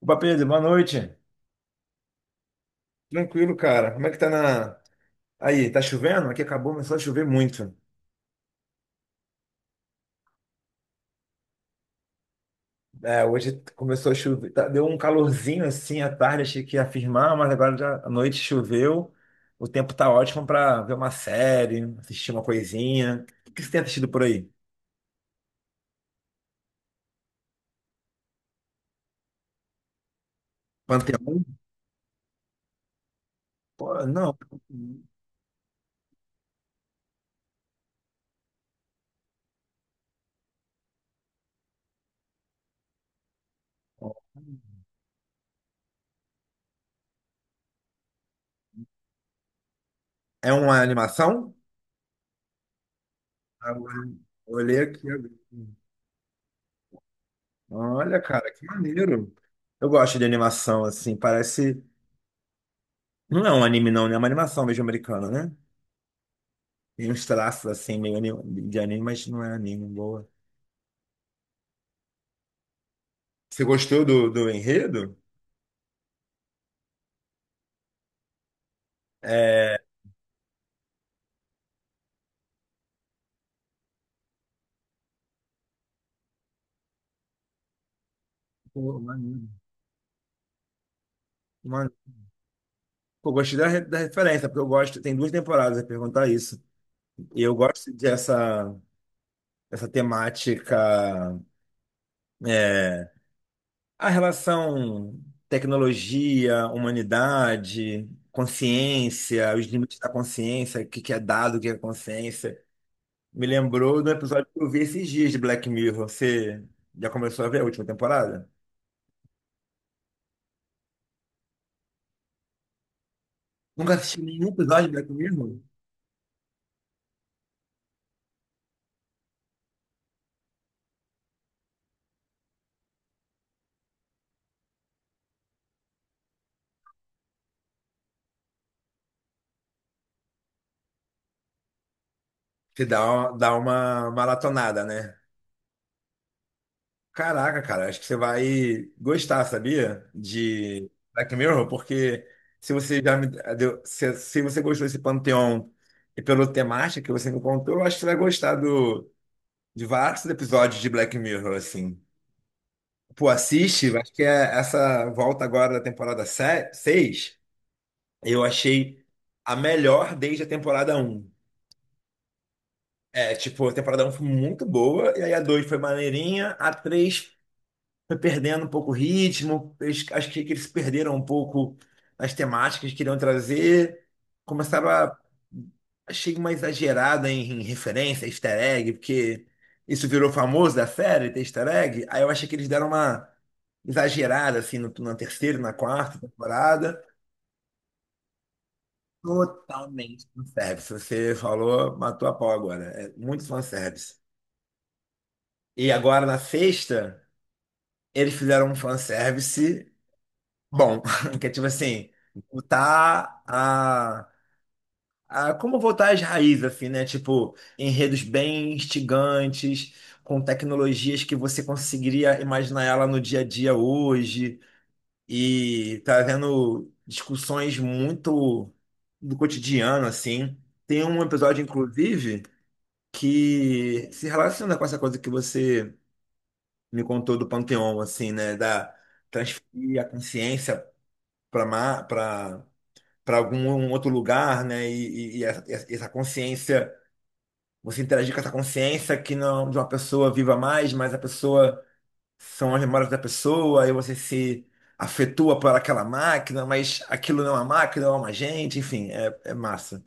Opa, Pedro, boa noite. Tranquilo, cara. Como é que tá na. Aí, tá chovendo? Aqui acabou, começou a chover muito. É, hoje começou a chover. Deu um calorzinho assim à tarde, achei que ia firmar, mas agora já à noite choveu. O tempo tá ótimo pra ver uma série, assistir uma coisinha. O que você tem assistido por aí? Panteão? Pô, não. É uma animação? Agora, olhei aqui. Agora. Olha, cara, que maneiro. Eu gosto de animação, assim, parece. Não é um anime, não, né? É uma animação mesmo americana, né? Tem uns traços assim, de anime, mas não é anime, boa. Você gostou do enredo? É. Pô, maneiro. Mano, pô, gostei da referência, porque eu gosto. Tem duas temporadas, eu ia perguntar isso. E eu gosto dessa essa temática. É, a relação tecnologia, humanidade, consciência, os limites da consciência, o que que é dado, o que é consciência. Me lembrou do episódio que eu vi esses dias de Black Mirror. Você já começou a ver a última temporada? Nunca assisti nenhum episódio de Black Mirror? Você dá dá uma maratonada, né? Caraca, cara, acho que você vai gostar, sabia? De Black Mirror, porque se você já me deu, se você gostou desse panteão e pela temática que você me contou, eu acho que você vai gostar de vários episódios de Black Mirror, assim. Pô, assiste, acho que é essa volta agora da temporada 6. Eu achei a melhor desde a temporada um. É, tipo, a temporada um foi muito boa, e aí a 2 foi maneirinha, a 3 foi perdendo um pouco o ritmo, acho que eles perderam um pouco as temáticas que queriam trazer, começaram a... Achei uma exagerada em referência, easter egg, porque isso virou famoso da série, ter easter egg, aí eu achei que eles deram uma exagerada, assim, na terceira, e na quarta temporada. Totalmente fanservice. Você falou, matou a pau agora. É muito fanservice. E agora na sexta, eles fizeram um fanservice bom. Que é tipo assim, voltar a. Como voltar às raízes, assim, né? Tipo, enredos bem instigantes, com tecnologias que você conseguiria imaginar ela no dia a dia hoje. E trazendo discussões muito do cotidiano, assim. Tem um episódio, inclusive. Que se relaciona com essa coisa que você me contou do Panteão, assim, né? Da transferir a consciência para para algum outro lugar, né? E essa, essa consciência, você interagir com essa consciência que não é de uma pessoa viva mais, mas a pessoa são as memórias da pessoa, e você se afetua por aquela máquina, mas aquilo não é uma máquina, é uma gente, enfim, é, é massa.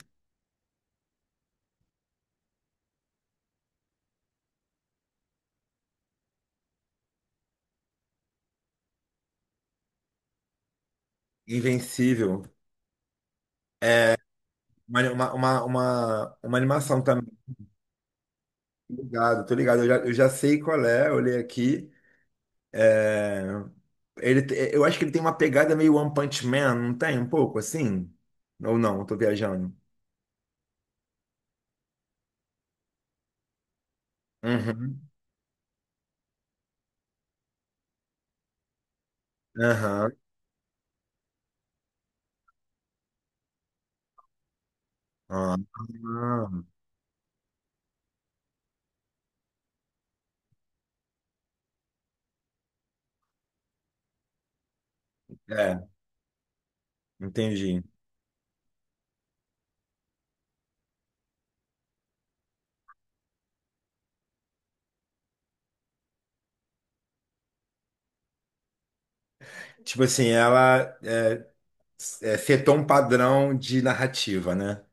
Invencível. Uma animação também. Tô ligado, tô ligado. Eu já sei qual é, eu olhei aqui. É. Eu acho que ele tem uma pegada meio One Punch Man, não tem? Um pouco assim? Ou não, eu tô viajando. Uhum. Aham. Ah, ah. É, entendi. Tipo assim, é, setou um padrão de narrativa, né?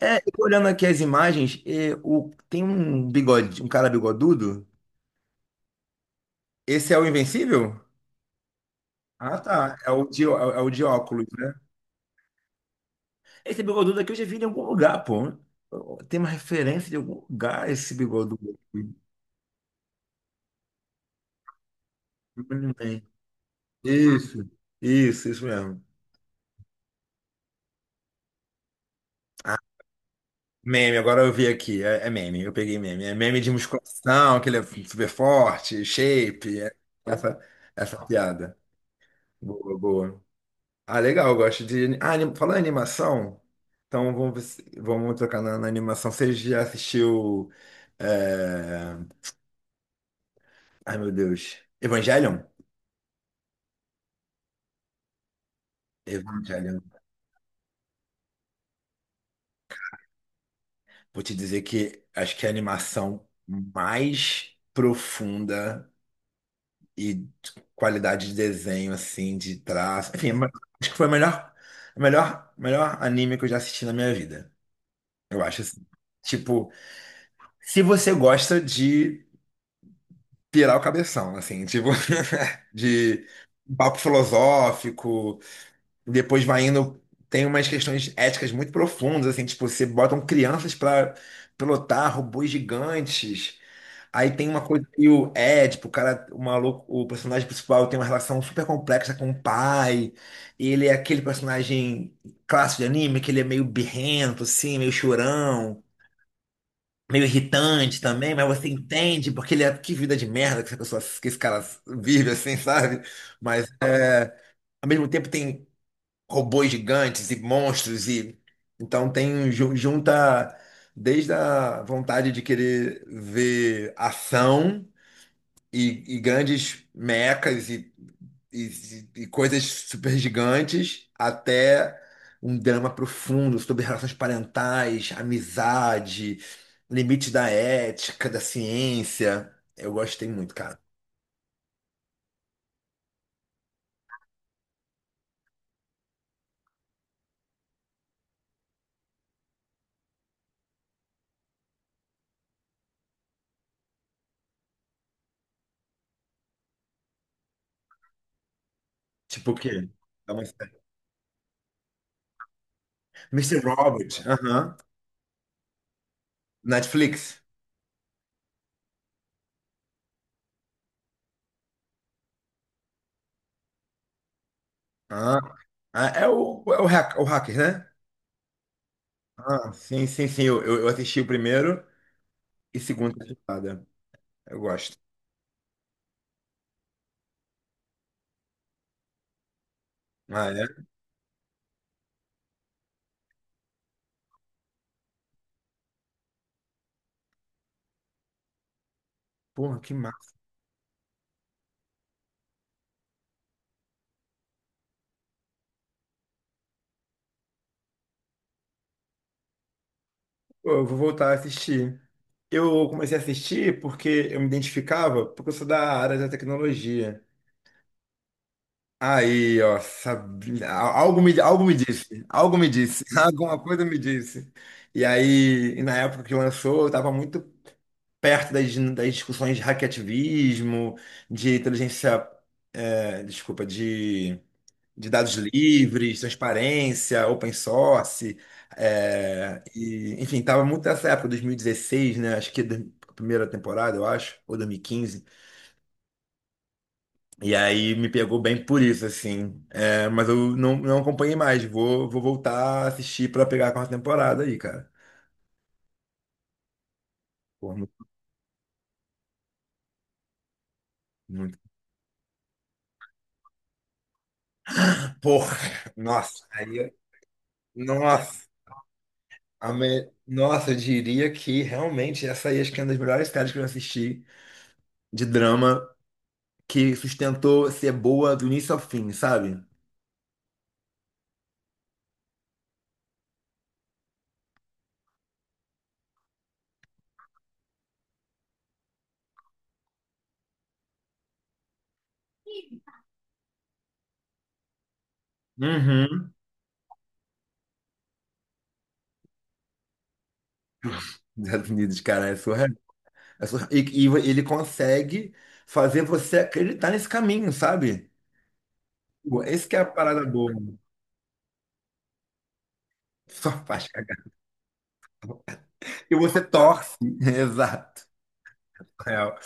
É, eu tô olhando aqui as imagens, e o, tem um bigode, um cara bigodudo. Esse é o Invencível? Ah, tá. É é o de óculos, né? Esse bigodudo aqui eu já vi em algum lugar, pô. Tem uma referência de algum lugar esse bigodudo aqui. Mas não tem. Isso, isso mesmo. Ah, meme, agora eu vi aqui. É, é meme, eu peguei meme. É meme de musculação, que ele é super forte, shape. É essa, essa piada. Boa, boa. Ah, legal, eu gosto de. Ah, anim... falando em animação, então vamos, ver se- vamos tocar na animação. Você já assistiu. É, Ai, meu Deus. Evangelion? Evangelion. Vou te dizer que acho que é a animação mais profunda e de qualidade de desenho, assim, de traço. Enfim, acho que foi o melhor, melhor anime que eu já assisti na minha vida. Eu acho assim. Tipo, se você gosta de pirar o cabeção, assim, tipo, de papo filosófico, Depois vai indo, tem umas questões éticas muito profundas, assim, tipo, você botam crianças para pilotar robôs gigantes. Aí tem uma coisa que o Édipo, o cara, o maluco, o personagem principal tem uma relação super complexa com o pai. Ele é aquele personagem clássico de anime, que ele é meio birrento, assim, meio chorão, meio irritante também, mas você entende porque ele é que vida de merda que essa pessoa, que esse cara vive, assim, sabe? Mas é, ao mesmo tempo tem robôs gigantes e monstros e então tem junta desde a vontade de querer ver ação e grandes mechas e, e coisas super gigantes até um drama profundo sobre relações parentais, amizade, limite da ética, da ciência. Eu gostei muito, cara. Tipo o quê? É uma série. Mr. Robert, aham. Netflix. Ah. Ah, é o, é o, hack, o Hackers, né? Ah, sim, sim, sim. Eu assisti o primeiro e segunda temporada. Eu gosto. Ah, é? Porra, que massa. Pô, eu vou voltar a assistir. Eu comecei a assistir porque eu me identificava, porque eu sou da área da tecnologia. Aí, ó, sabe, algo me disse, alguma coisa me disse. E aí, e na época que lançou, eu estava muito perto das discussões de hackativismo, de inteligência, é, desculpa, de dados livres, transparência, open source, é, e, enfim, estava muito nessa época, 2016, né? Acho que a primeira temporada, eu acho, ou 2015. E quinze. E aí me pegou bem por isso, assim. É, mas eu não, não acompanhei mais. Vou, vou voltar a assistir para pegar a quarta temporada aí, cara. Porra, muito, muito. Porra, nossa, aí, nossa. Nossa, eu diria que realmente essa aí acho que é uma das melhores séries que eu assisti de drama que sustentou ser boa do início ao fim, sabe? Uhum. Estados Unidos, cara, é surreal. É surreal. E ele consegue fazer você acreditar nesse caminho, sabe? Pô, esse que é a parada boa. Só faz cagar. E você torce. Exato. Surreal.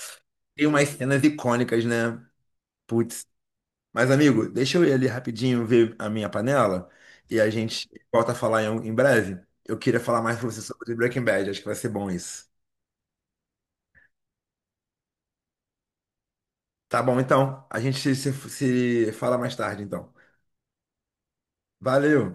Tem umas cenas icônicas, né? Putz. Mas, amigo, deixa eu ir ali rapidinho ver a minha panela e a gente volta a falar em breve. Eu queria falar mais pra você sobre Breaking Bad. Acho que vai ser bom isso. Tá bom, então. A gente se fala mais tarde, então. Valeu!